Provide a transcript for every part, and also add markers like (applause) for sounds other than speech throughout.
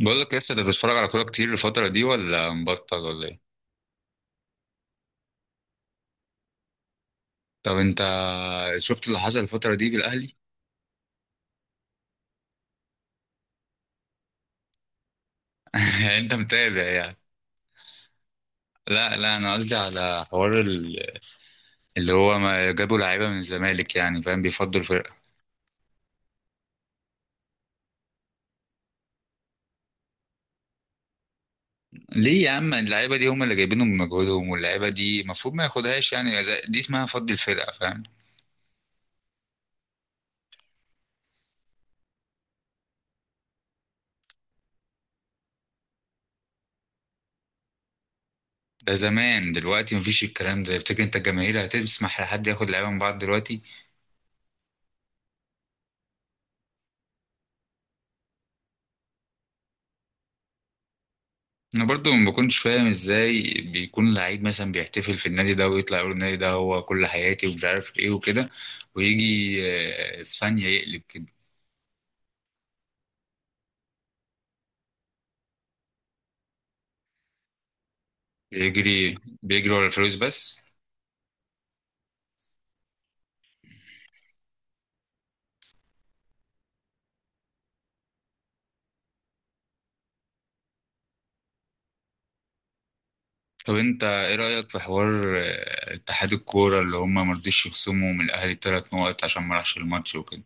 بقول لك، لسه انت بتتفرج على كوره كتير الفتره دي ولا مبطل ولا ايه؟ طب انت شفت اللي حصل الفتره دي بالاهلي؟ (laughs) انت متابع يعني. لا لا، انا قصدي على حوار اللي هو ما جابوا لعيبه من الزمالك، يعني فاهم، بيفضوا الفرقه. ليه يا عم؟ اللعيبه دي هم اللي جايبينهم بمجهودهم، واللعيبه دي المفروض ما ياخدهاش، يعني دي اسمها فض الفرقه، فاهم؟ ده زمان، دلوقتي مفيش الكلام ده. تفتكر انت الجماهير هتسمح لحد ياخد لعيبه من بعض دلوقتي؟ انا برضو ما بكونش فاهم ازاي بيكون لعيب مثلا بيحتفل في النادي ده ويطلع يقول النادي ده هو كل حياتي ومش عارف ايه وكده، ويجي في ثانية يقلب كده. بيجري بيجري ورا الفلوس بس. طب انت ايه رأيك في حوار اتحاد الكورة اللي هم مرضيش يخصموا من الاهلي ثلاث نقط عشان ما راحش الماتش وكده؟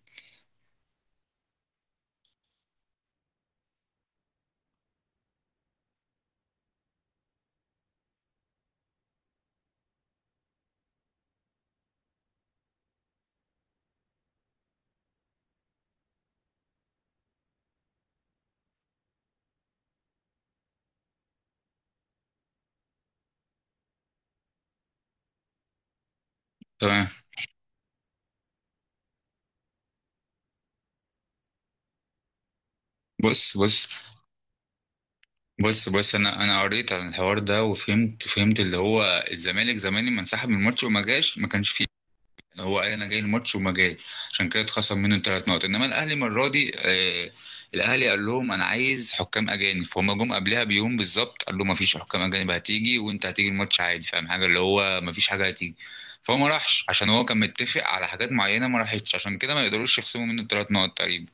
تمام. بص بص. بص بص، انا قريت عن الحوار ده وفهمت فهمت اللي هو الزمالك زمان لما انسحب من الماتش وما جاش، ما كانش فيه. هو قال انا جاي الماتش وما جاي، عشان كده اتخصم منه ثلاث نقط. انما الاهلي المره دي الاهلي قال لهم انا عايز حكام اجانب، فهم جم قبلها بيوم بالظبط قال له ما فيش حكام اجانب هتيجي، وانت هتيجي الماتش عادي، فاهم حاجه اللي هو ما فيش حاجه هتيجي. فهو ما راحش عشان هو كان متفق على حاجات معينه ما راحتش، عشان كده ما يقدروش يخصموا منه الثلاث نقط تقريبا.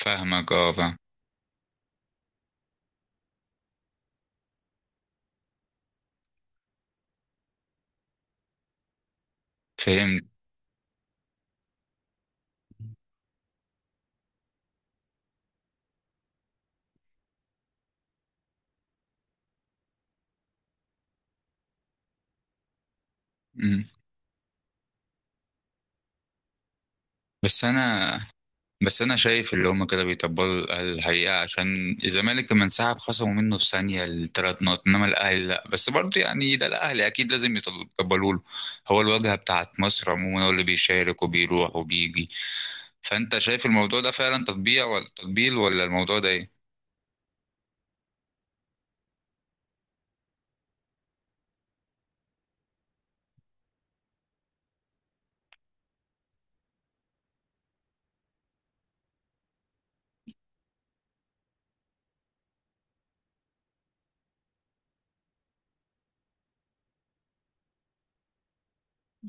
فاهمك، اه فاهم. فهمت. مم. بس انا بس انا شايف اللي هم كده بيطبلوا الاهلي الحقيقه، عشان الزمالك لما انسحب خصموا منه في ثانيه الثلاث نقط، انما الاهلي لا. بس برضه يعني ده الاهلي اكيد لازم يطبلوا له. هو الواجهه بتاعت مصر عموما، هو اللي بيشارك وبيروح وبيجي. فانت شايف الموضوع ده فعلا تطبيع ولا تطبيل، ولا الموضوع ده ايه؟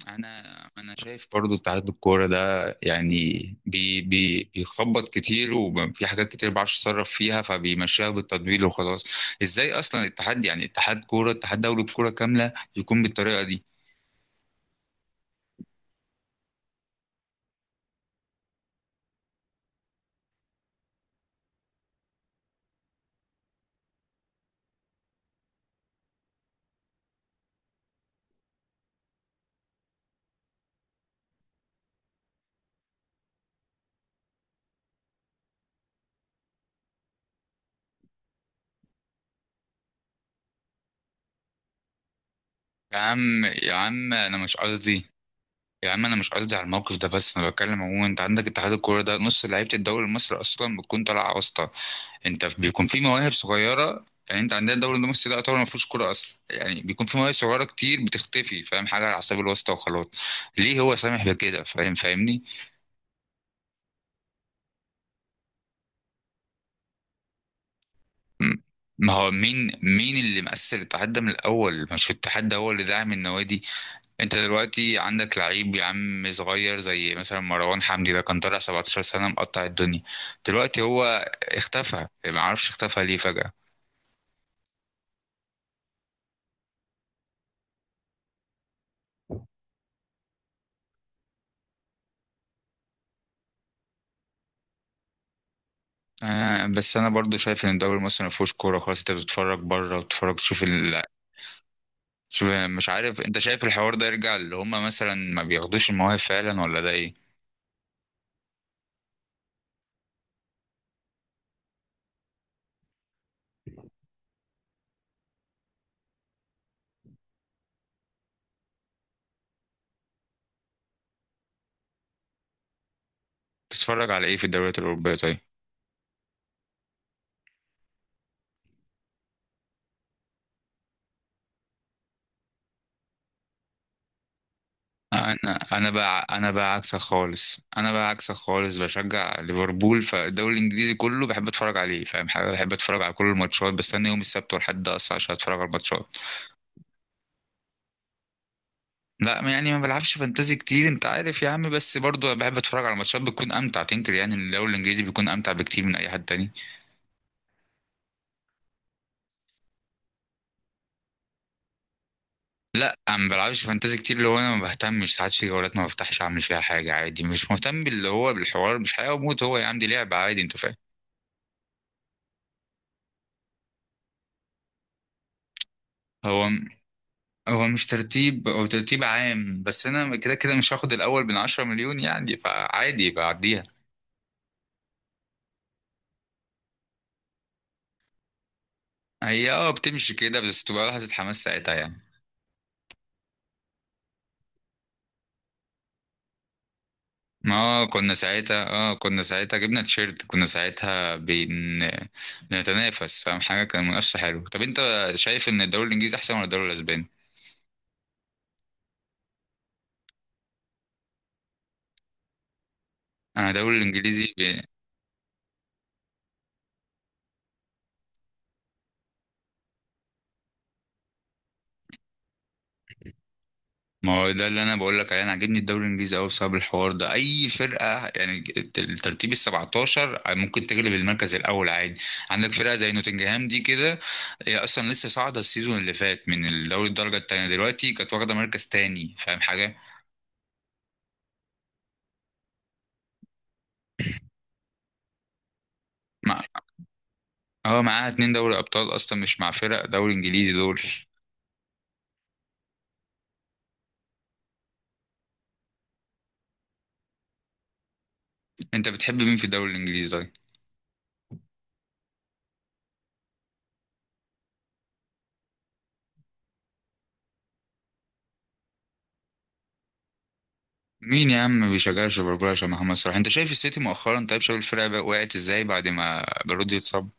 انا انا شايف برضو اتحاد الكوره ده يعني بي بي بيخبط كتير، وفي حاجات كتير ما بعرفش اتصرف فيها فبيمشيها بالتدوير وخلاص. ازاي اصلا الاتحاد يعني اتحاد كوره، اتحاد دوري الكوره كامله، يكون بالطريقه دي؟ يا عم يا عم، انا مش قصدي. يا عم انا مش قصدي على الموقف ده، بس انا بتكلم عموما. انت عندك اتحاد الكوره ده نص لعيبه الدوري المصري اصلا بتكون طالعه واسطه. انت بيكون في مواهب صغيره، يعني انت عندنا الدوري المصري ده يعتبر ما فيهوش كوره اصلا، يعني بيكون في مواهب صغيره كتير بتختفي، فاهم حاجه، على حساب الواسطه وخلاص. ليه هو سامح بكده؟ فاهم، فاهمني؟ م- ما هو مين اللي مأثر الاتحاد ده من الاول؟ مش الاتحاد ده هو اللي داعم النوادي؟ انت دلوقتي عندك لعيب يا عم صغير زي مثلا مروان حمدي، ده كان طالع 17 سنه مقطع الدنيا. دلوقتي هو اختفى، ما اعرفش اختفى ليه فجأة. بس انا برضو شايف ان الدوري المصري ما فيهوش كوره خالص. انت بتتفرج بره وتتفرج تشوف ال... تشوف، مش عارف، انت شايف الحوار ده يرجع اللي هما مثلا ما بياخدوش المواهب فعلا ولا ده ايه؟ تتفرج على ايه في الدوريات الاوروبيه طيب؟ انا انا بقى انا بقى عكسك خالص، انا بقى عكسك خالص، بشجع ليفربول، فالدوري الانجليزي كله بحب اتفرج عليه، فاهم حاجه، بحب اتفرج على كل الماتشات، بستنى يوم السبت والحد اصلا عشان اتفرج على الماتشات. لا يعني ما بلعبش فانتازي كتير، انت عارف يا عم، بس برضه بحب اتفرج على ماتشات بتكون امتع، تنكر يعني إن الدوري الانجليزي بيكون امتع بكتير من اي حد تاني. لا، انا ما بلعبش فانتازي كتير، اللي هو انا ما بهتمش ساعات في جولات ما بفتحش اعمل فيها حاجه عادي، مش مهتم باللي هو بالحوار، مش حياه وموت، هو يا عم دي لعبه عادي، انت فاهم. هو هو مش ترتيب، هو ترتيب عام، بس انا كده كده مش هاخد الاول من 10 مليون يعني، فعادي بعديها. هي بتمشي كده بس تبقى لحظه حماس ساعتها يعني. اه كنا ساعتها جبنا تيشيرت، كنا ساعتها بنتنافس، فاهم حاجه، كان منافسه حلوه. طب انت شايف ان الدوري الانجليزي احسن ولا الدوري الاسباني؟ انا الدوري الانجليزي ما هو ده اللي انا بقول لك عليه. انا عاجبني الدوري الانجليزي قوي بسبب الحوار ده، اي فرقه يعني، الترتيب ال 17 ممكن تغلب المركز الاول عادي. عندك فرقه زي نوتنجهام دي كده، هي اصلا لسه صاعده السيزون اللي فات من الدوري الدرجه التانيه، دلوقتي كانت واخده مركز تاني، فاهم حاجه. اه معاها اتنين دوري ابطال اصلا، مش مع فرق دوري انجليزي دول. انت بتحب مين في الدوري الانجليزي طيب؟ مين يا عم ما بيشجعش ليفربول عشان محمد صلاح؟ انت شايف السيتي مؤخرا طيب، شايف الفرقه بقى وقعت ازاي بعد ما بيرودي اتصاب؟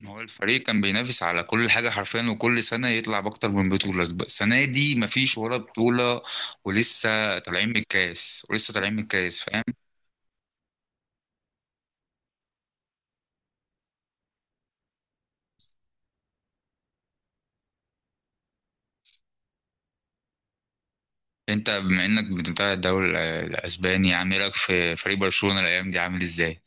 ما هو الفريق كان بينافس على كل حاجه حرفيا، وكل سنه يطلع باكتر من بطوله، السنه دي مفيش ولا بطوله. ولسه طالعين من الكاس، ولسه طالعين من الكاس، فاهم. انت بما انك بتتابع الدوري الاسباني، عامل لك في فريق برشلونه الايام دي عامل ازاي؟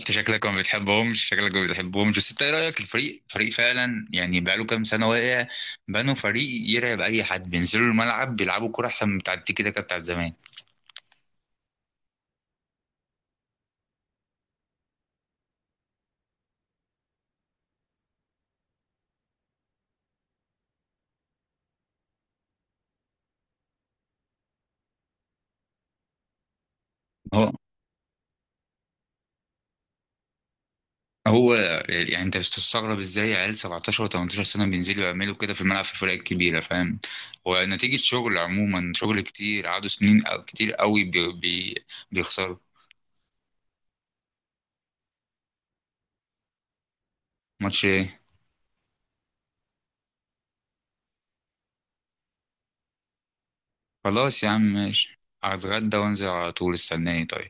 انت شكلك ما بتحبهمش، شكلك ما بتحبهمش، بس انت ايه رايك؟ الفريق فريق فعلا يعني بقاله كام سنه واقع، بنوا فريق يرعب اي حد، بينزلوا الملعب بيلعبوا كوره احسن من بتاع التيكي تاكا بتاعت زمان. هو هو يعني انت بتستغرب ازاي عيال 17 و18 سنه بينزلوا يعملوا كده في الملعب في الفرق الكبيره، فاهم. هو نتيجه شغل عموما، شغل كتير قعدوا سنين كتير قوي بي بي بيخسروا ماتش ايه؟ خلاص يا عم، ماشي، هتغدى وانزل على طول، استناني طيب.